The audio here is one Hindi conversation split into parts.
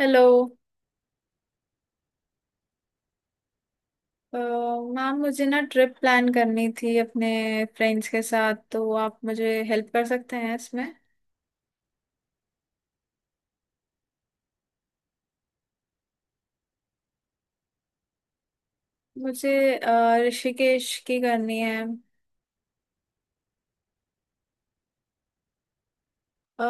हेलो। मैम मुझे ना ट्रिप प्लान करनी थी अपने फ्रेंड्स के साथ, तो आप मुझे हेल्प कर सकते हैं इसमें। मुझे ऋषिकेश की करनी है। अ,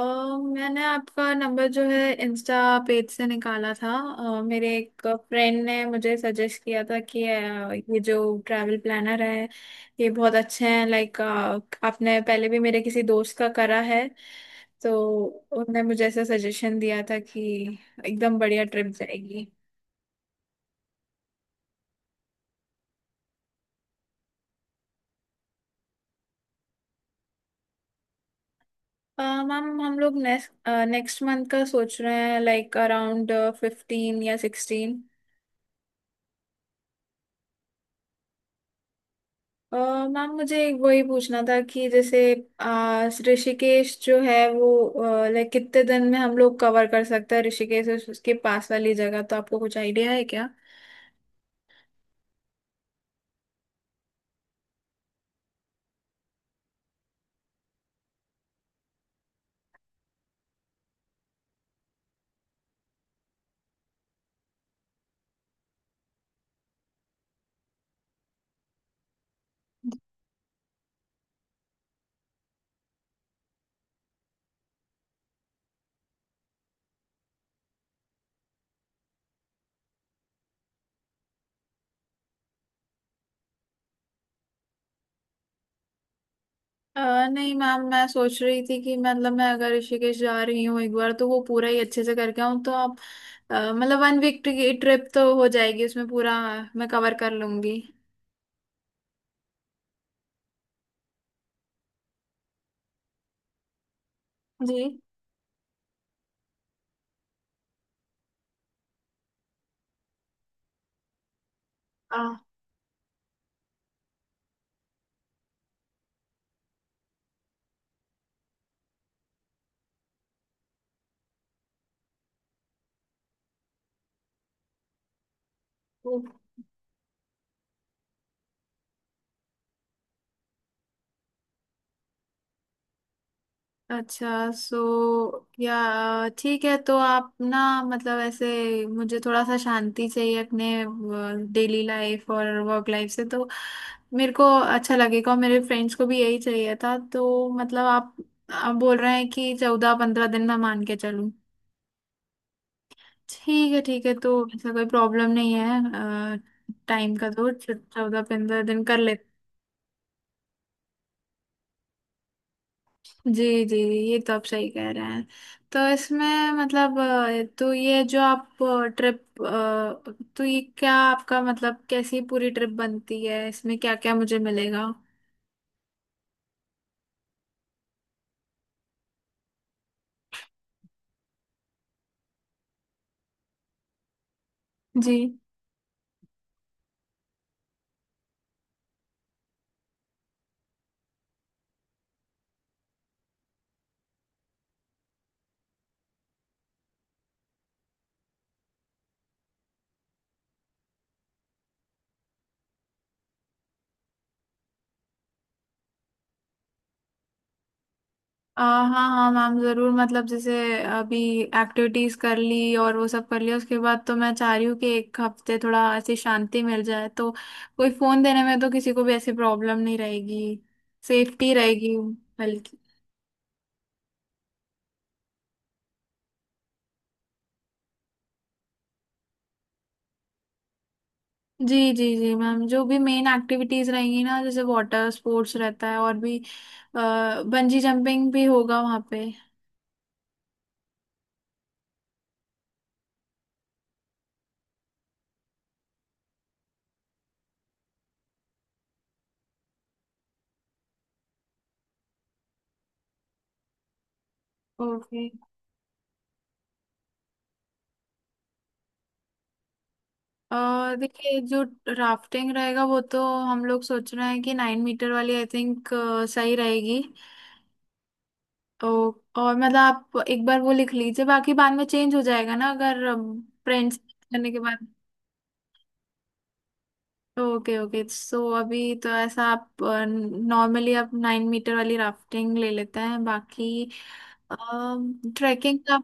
मैंने आपका नंबर जो है इंस्टा पेज से निकाला था। मेरे एक फ्रेंड ने मुझे सजेस्ट किया था कि ये जो ट्रैवल प्लानर है ये बहुत अच्छे हैं, लाइक आपने पहले भी मेरे किसी दोस्त का करा है, तो उन्होंने मुझे ऐसा सजेशन दिया था कि एकदम बढ़िया ट्रिप जाएगी। अ, मैम हम लोग नेक्स्ट नेक्स्ट मंथ का सोच रहे हैं, लाइक अराउंड 15 या 16। मैम मुझे एक वही पूछना था कि जैसे ऋषिकेश जो है वो लाइक कितने दिन में हम लोग कवर कर सकते हैं, ऋषिकेश उसके पास वाली जगह, तो आपको कुछ आइडिया है क्या? अ, नहीं मैम, मैं सोच रही थी कि मतलब मैं अगर ऋषिकेश जा रही हूँ एक बार तो वो पूरा ही अच्छे से करके आऊँ, तो आप मतलब 1 वीक की ट्रिप तो हो जाएगी, उसमें पूरा मैं कवर कर लूंगी। जी। आ, अच्छा। सो या ठीक है, तो आप ना मतलब ऐसे मुझे थोड़ा सा शांति चाहिए अपने डेली लाइफ और वर्क लाइफ से, तो मेरे को अच्छा लगेगा और मेरे फ्रेंड्स को भी यही चाहिए था। तो मतलब आप बोल रहे हैं कि 14-15 दिन मैं मान के चलूँ? ठीक है, ठीक है। तो ऐसा कोई प्रॉब्लम नहीं है टाइम का, तो 14-15 दिन कर लेते। जी जी, ये तो आप सही कह रहे हैं। तो इसमें मतलब तो ये जो आप ट्रिप, तो ये क्या आपका मतलब कैसी पूरी ट्रिप बनती है, इसमें क्या क्या मुझे मिलेगा? जी। हाँ हाँ मैम, ज़रूर, मतलब जैसे अभी एक्टिविटीज़ कर ली और वो सब कर लिया उसके बाद, तो मैं चाह रही हूँ कि एक हफ्ते थोड़ा ऐसी शांति मिल जाए, तो कोई फ़ोन देने में तो किसी को भी ऐसी प्रॉब्लम नहीं रहेगी, सेफ्टी रहेगी बल्कि। जी जी जी मैम, जो भी मेन एक्टिविटीज रहेंगी ना, जैसे वाटर स्पोर्ट्स रहता है और भी बंजी जंपिंग भी होगा वहाँ पे। ओके। देखिए जो राफ्टिंग रहेगा वो तो हम लोग सोच रहे हैं कि 9 मीटर वाली आई थिंक सही रहेगी। तो और मतलब आप एक बार वो लिख लीजिए, बाकी बाद में चेंज हो जाएगा ना अगर फ्रेंड्स करने के बाद। Okay okay. सो अभी तो ऐसा, आप नॉर्मली आप 9 मीटर वाली राफ्टिंग ले लेते हैं, बाकी ट्रैकिंग का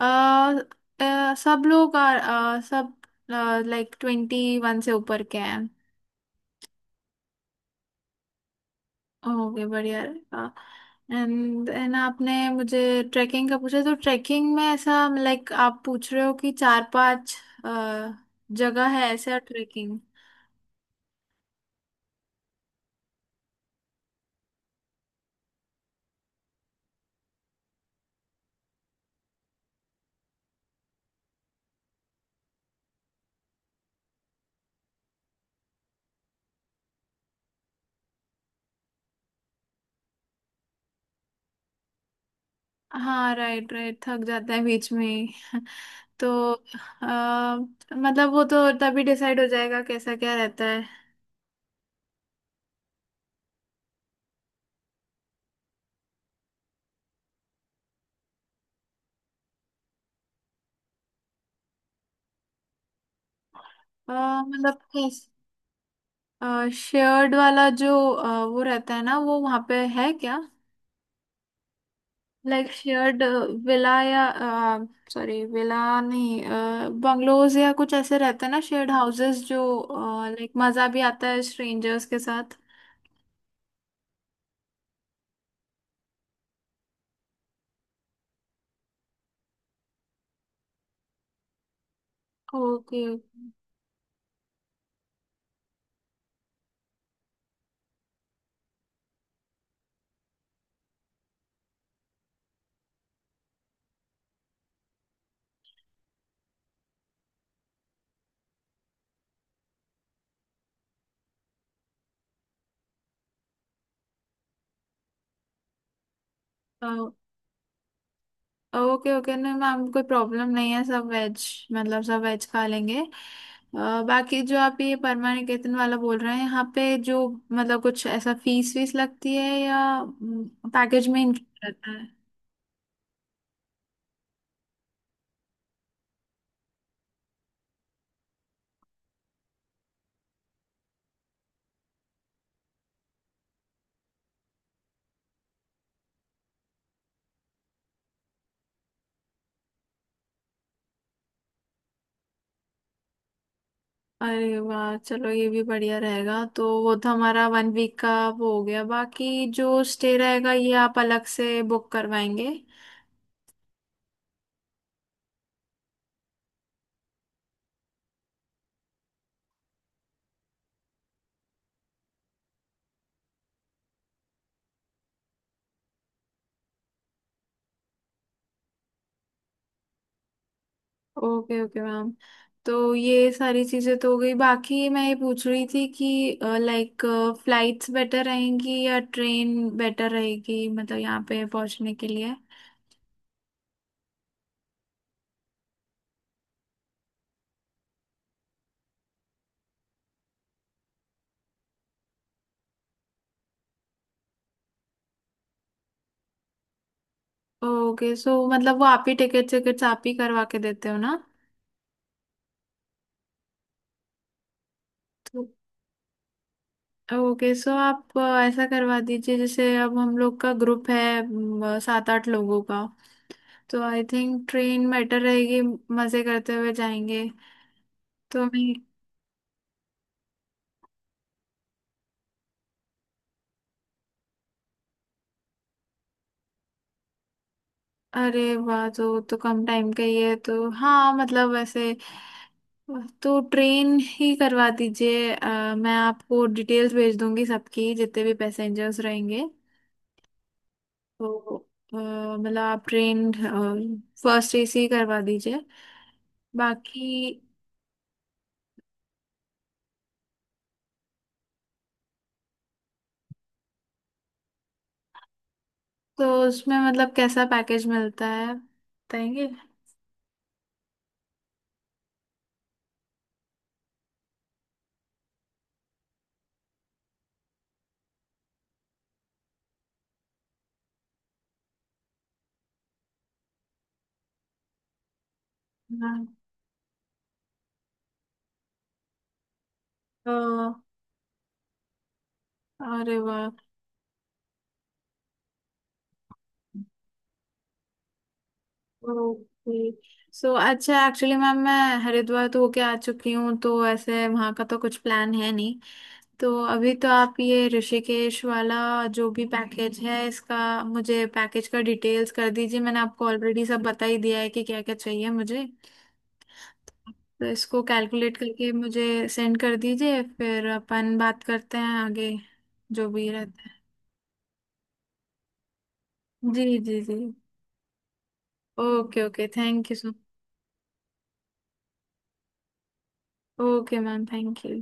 अ, सब लोग सब लाइक 21 से ऊपर के हैं। ओके, बढ़िया रहेगा। एंड एंड आपने मुझे ट्रैकिंग का पूछा, तो ट्रैकिंग में ऐसा लाइक आप पूछ रहे हो कि चार पांच अ, जगह है ऐसा ट्रैकिंग? हाँ राइट राइट, थक जाता है बीच में ही, तो आ, मतलब वो तो तभी डिसाइड हो जाएगा कैसा क्या रहता है। मतलब शेयर्ड वाला जो वो रहता है ना, वो वहाँ पे है क्या? लाइक शेयर्ड विला या, सॉरी विला नहीं, बंगलोज या कुछ ऐसे रहते हैं ना शेयर्ड हाउसेस जो, लाइक मजा भी आता है स्ट्रेंजर्स के साथ। ओके ओके ओके, नहीं मैम, कोई प्रॉब्लम नहीं है, सब वेज मतलब सब वेज खा लेंगे। बाकी जो आप ये परमानिकेतन वाला बोल रहे हैं यहाँ पे जो, मतलब कुछ ऐसा फीस वीस लगती है या पैकेज में इंक्लूड रहता है? अरे वाह, चलो ये भी बढ़िया रहेगा। तो वो तो हमारा 1 वीक का वो हो गया, बाकी जो स्टे रहेगा ये आप अलग से बुक करवाएंगे? Okay okay ma'am. तो ये सारी चीजें तो हो गई, बाकी मैं ये पूछ रही थी कि लाइक फ्लाइट्स बेटर रहेंगी या ट्रेन बेटर रहेगी, मतलब यहाँ पे पहुँचने के लिए? ओके, सो मतलब वो आप ही टिकट्स आप ही करवा के देते हो ना? तो ओके, सो आप ऐसा करवा दीजिए, जैसे अब हम लोग का ग्रुप है सात आठ लोगों का, तो आई थिंक ट्रेन बेटर रहेगी, मजे करते हुए जाएंगे। तो मैं, अरे वाह, तो कम टाइम का ही है, तो हाँ मतलब वैसे तो ट्रेन ही करवा दीजिए। मैं आपको डिटेल्स भेज दूंगी सबकी, जितने भी पैसेंजर्स रहेंगे, तो मतलब आप ट्रेन फर्स्ट एसी करवा दीजिए। बाकी तो उसमें मतलब कैसा पैकेज मिलता है बताएंगे? हाँ तो, अरे वाह, ओके, सो अच्छा, एक्चुअली मैम, मैं हरिद्वार तो होके आ चुकी हूँ, तो ऐसे वहाँ का तो कुछ प्लान है नहीं। तो अभी तो आप ये ऋषिकेश वाला जो भी पैकेज है इसका, मुझे पैकेज का डिटेल्स कर दीजिए। मैंने आपको ऑलरेडी सब बता ही दिया है कि क्या क्या चाहिए मुझे, तो इसको कैलकुलेट करके मुझे सेंड कर दीजिए, फिर अपन बात करते हैं आगे, जो भी रहता है। जी जी जी, okay okay, thank you. So okay ma'am, thank you.